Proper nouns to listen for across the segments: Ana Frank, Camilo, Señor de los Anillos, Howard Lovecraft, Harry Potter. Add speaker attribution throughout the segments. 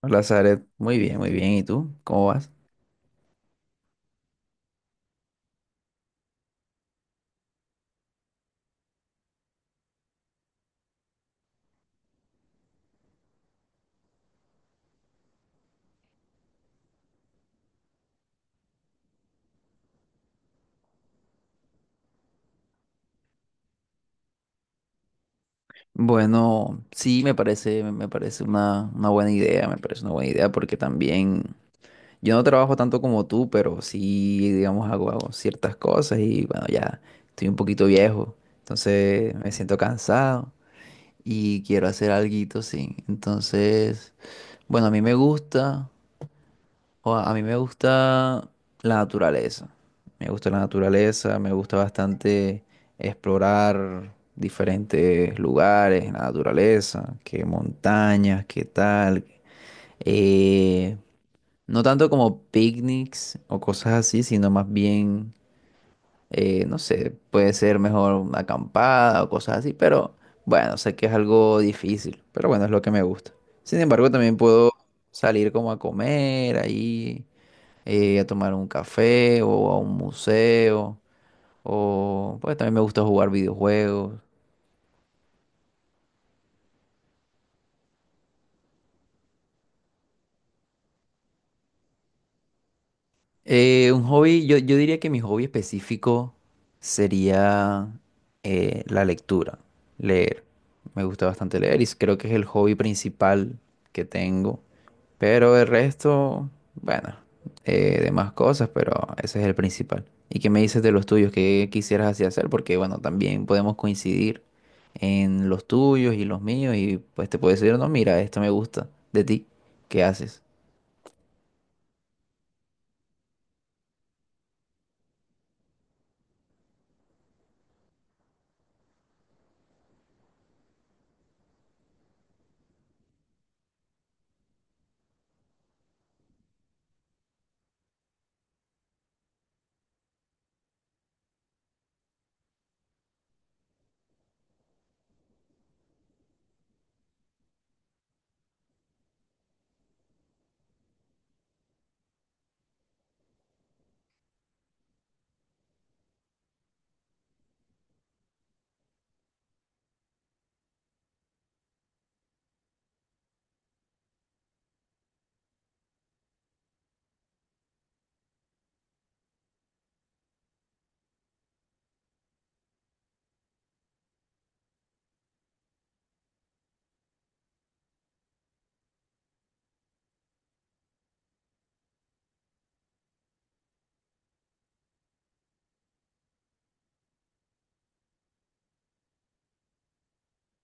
Speaker 1: Hola, Zaret. Muy bien, muy bien. ¿Y tú? ¿Cómo vas? Bueno, sí, me parece una buena idea, me parece una buena idea porque también yo no trabajo tanto como tú, pero sí, digamos, hago ciertas cosas y bueno, ya estoy un poquito viejo, entonces me siento cansado y quiero hacer alguito, sí. Entonces, bueno, a mí me gusta. O a mí me gusta la naturaleza. Me gusta la naturaleza, me gusta bastante explorar diferentes lugares en la naturaleza, que montañas, qué tal. Eh, no tanto como picnics o cosas así, sino más bien, no sé, puede ser mejor una acampada o cosas así, pero bueno, sé que es algo difícil, pero bueno, es lo que me gusta. Sin embargo, también puedo salir como a comer ahí a tomar un café o a un museo, o pues también me gusta jugar videojuegos. Un hobby, yo diría que mi hobby específico sería la lectura, leer. Me gusta bastante leer y creo que es el hobby principal que tengo. Pero el resto, bueno, demás cosas, pero ese es el principal. ¿Y qué me dices de los tuyos? ¿Qué quisieras así hacer? Porque, bueno, también podemos coincidir en los tuyos y los míos y pues te puedo decir, no, mira, esto me gusta de ti. ¿Qué haces?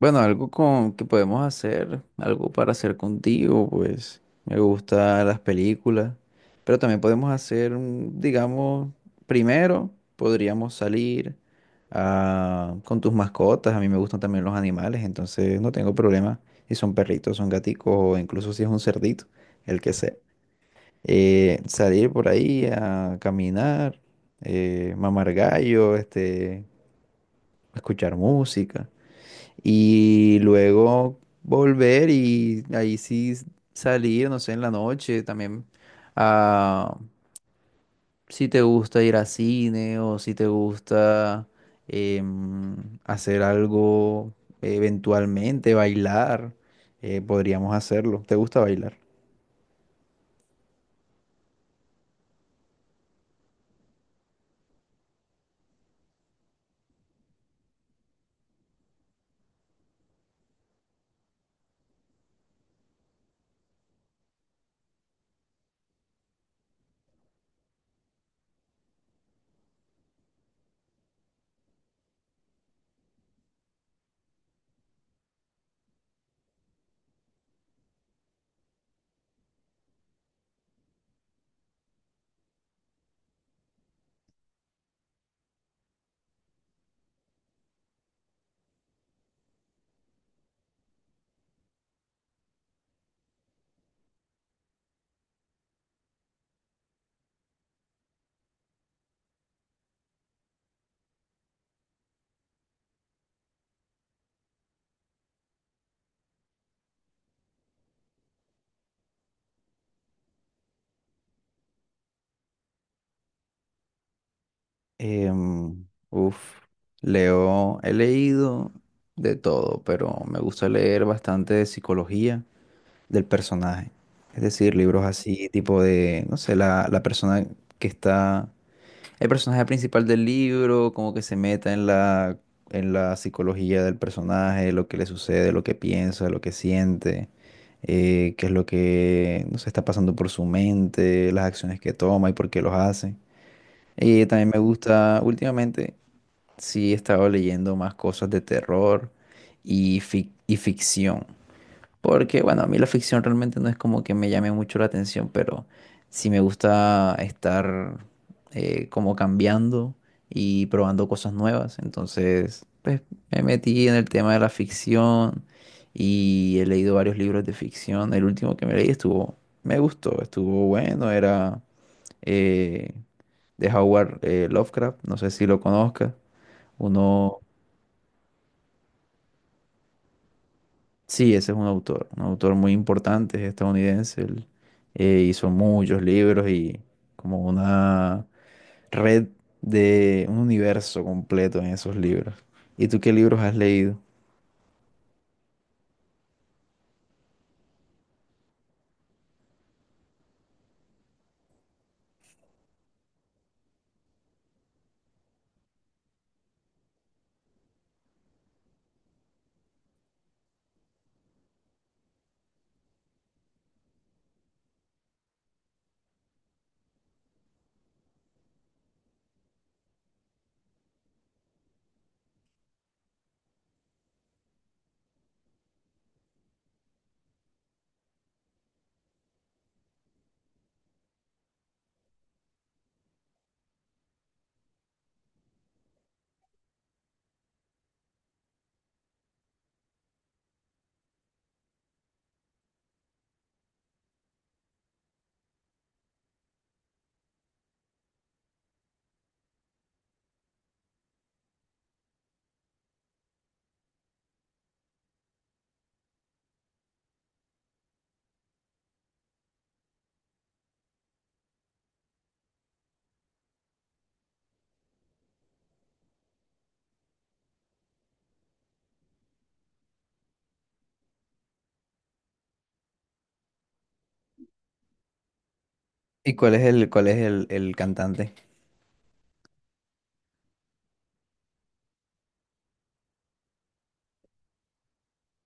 Speaker 1: Bueno, algo con que podemos hacer, algo para hacer contigo, pues me gustan las películas, pero también podemos hacer, digamos, primero podríamos salir ah, con tus mascotas. A mí me gustan también los animales, entonces no tengo problema si son perritos, son gaticos o incluso si es un cerdito, el que sea. Salir por ahí a caminar, mamar gallo, este, escuchar música y luego volver y ahí sí salir, no sé, en la noche también si te gusta ir a cine o si te gusta hacer algo eventualmente, bailar, podríamos hacerlo. ¿Te gusta bailar? Em, uf, Leo, he leído de todo, pero me gusta leer bastante de psicología del personaje. Es decir, libros así, tipo de, no sé, la persona que está el personaje principal del libro, como que se meta en la psicología del personaje, lo que le sucede, lo que piensa, lo que siente, qué es lo que no sé, está pasando por su mente, las acciones que toma y por qué los hace. Y también me gusta, últimamente sí he estado leyendo más cosas de terror y, y ficción. Porque, bueno, a mí la ficción realmente no es como que me llame mucho la atención, pero sí me gusta estar como cambiando y probando cosas nuevas. Entonces, pues me metí en el tema de la ficción y he leído varios libros de ficción. El último que me leí estuvo, me gustó, estuvo bueno, era eh, de Howard Lovecraft, no sé si lo conozcas, uno. Sí, ese es un autor muy importante, es estadounidense. Él hizo muchos libros y como una red de un universo completo en esos libros. ¿Y tú qué libros has leído? ¿Y cuál es el cantante?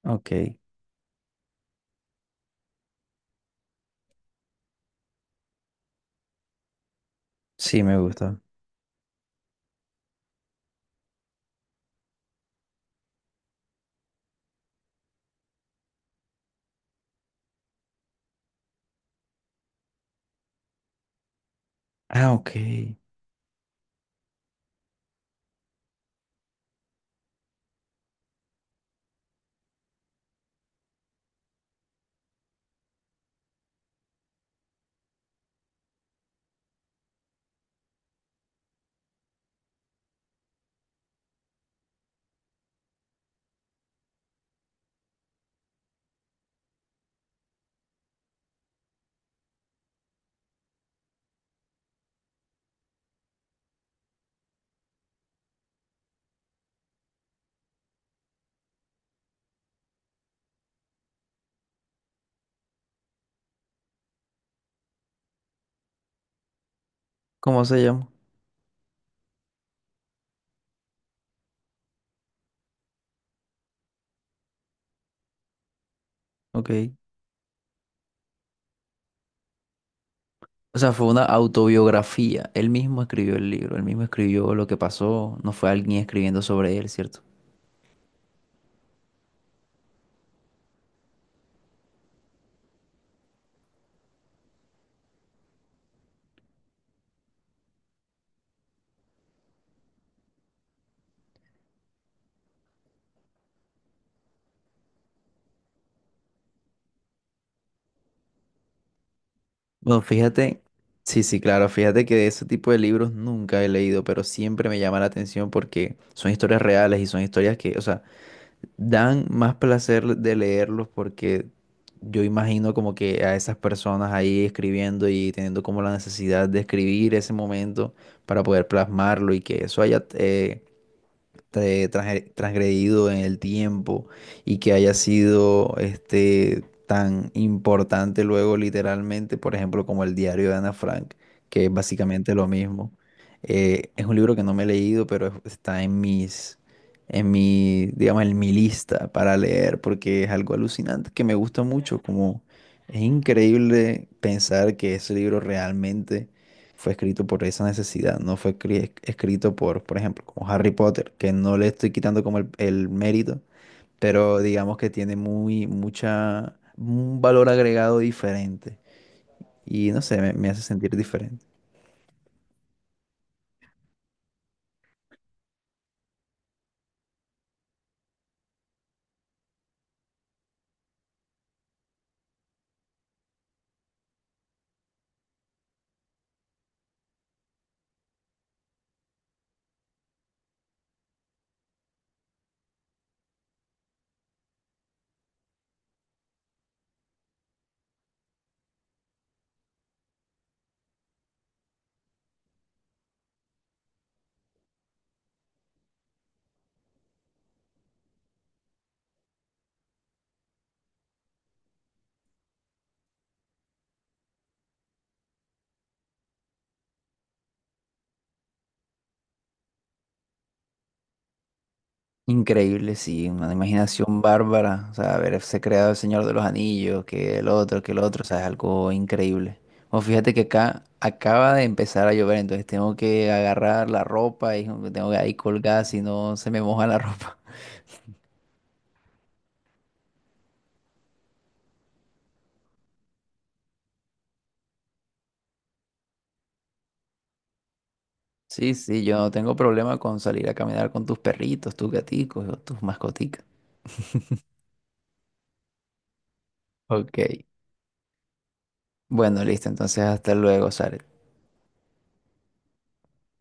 Speaker 1: Ok, sí, me gusta. Ah, ok. ¿Cómo se llama? Ok. O sea, fue una autobiografía. Él mismo escribió el libro, él mismo escribió lo que pasó, no fue alguien escribiendo sobre él, ¿cierto? Bueno, fíjate, sí, sí, claro, fíjate que de ese tipo de libros nunca he leído, pero siempre me llama la atención porque son historias reales y son historias que, o sea, dan más placer de leerlos porque yo imagino como que a esas personas ahí escribiendo y teniendo como la necesidad de escribir ese momento para poder plasmarlo y que eso haya, transgredido en el tiempo y que haya sido este tan importante luego literalmente, por ejemplo, como el diario de Ana Frank, que es básicamente lo mismo. Es un libro que no me he leído, pero está en mis, en mi, digamos, en mi lista para leer, porque es algo alucinante que me gusta mucho, como es increíble pensar que ese libro realmente fue escrito por esa necesidad, no fue escrito por ejemplo, como Harry Potter, que no le estoy quitando como el mérito, pero digamos que tiene muy, mucha, un valor agregado diferente. Y no sé, me hace sentir diferente. Increíble, sí, una imaginación bárbara, o sea, haberse creado el Señor de los Anillos, que el otro, o sea, es algo increíble. Bueno, fíjate que acá acaba de empezar a llover, entonces tengo que agarrar la ropa y tengo que ahí colgar si no se me moja la ropa. Sí, sí, yo no tengo problema con salir a caminar con tus perritos, tus gaticos o tus mascoticas. Ok. Bueno, listo, entonces hasta luego, Saret.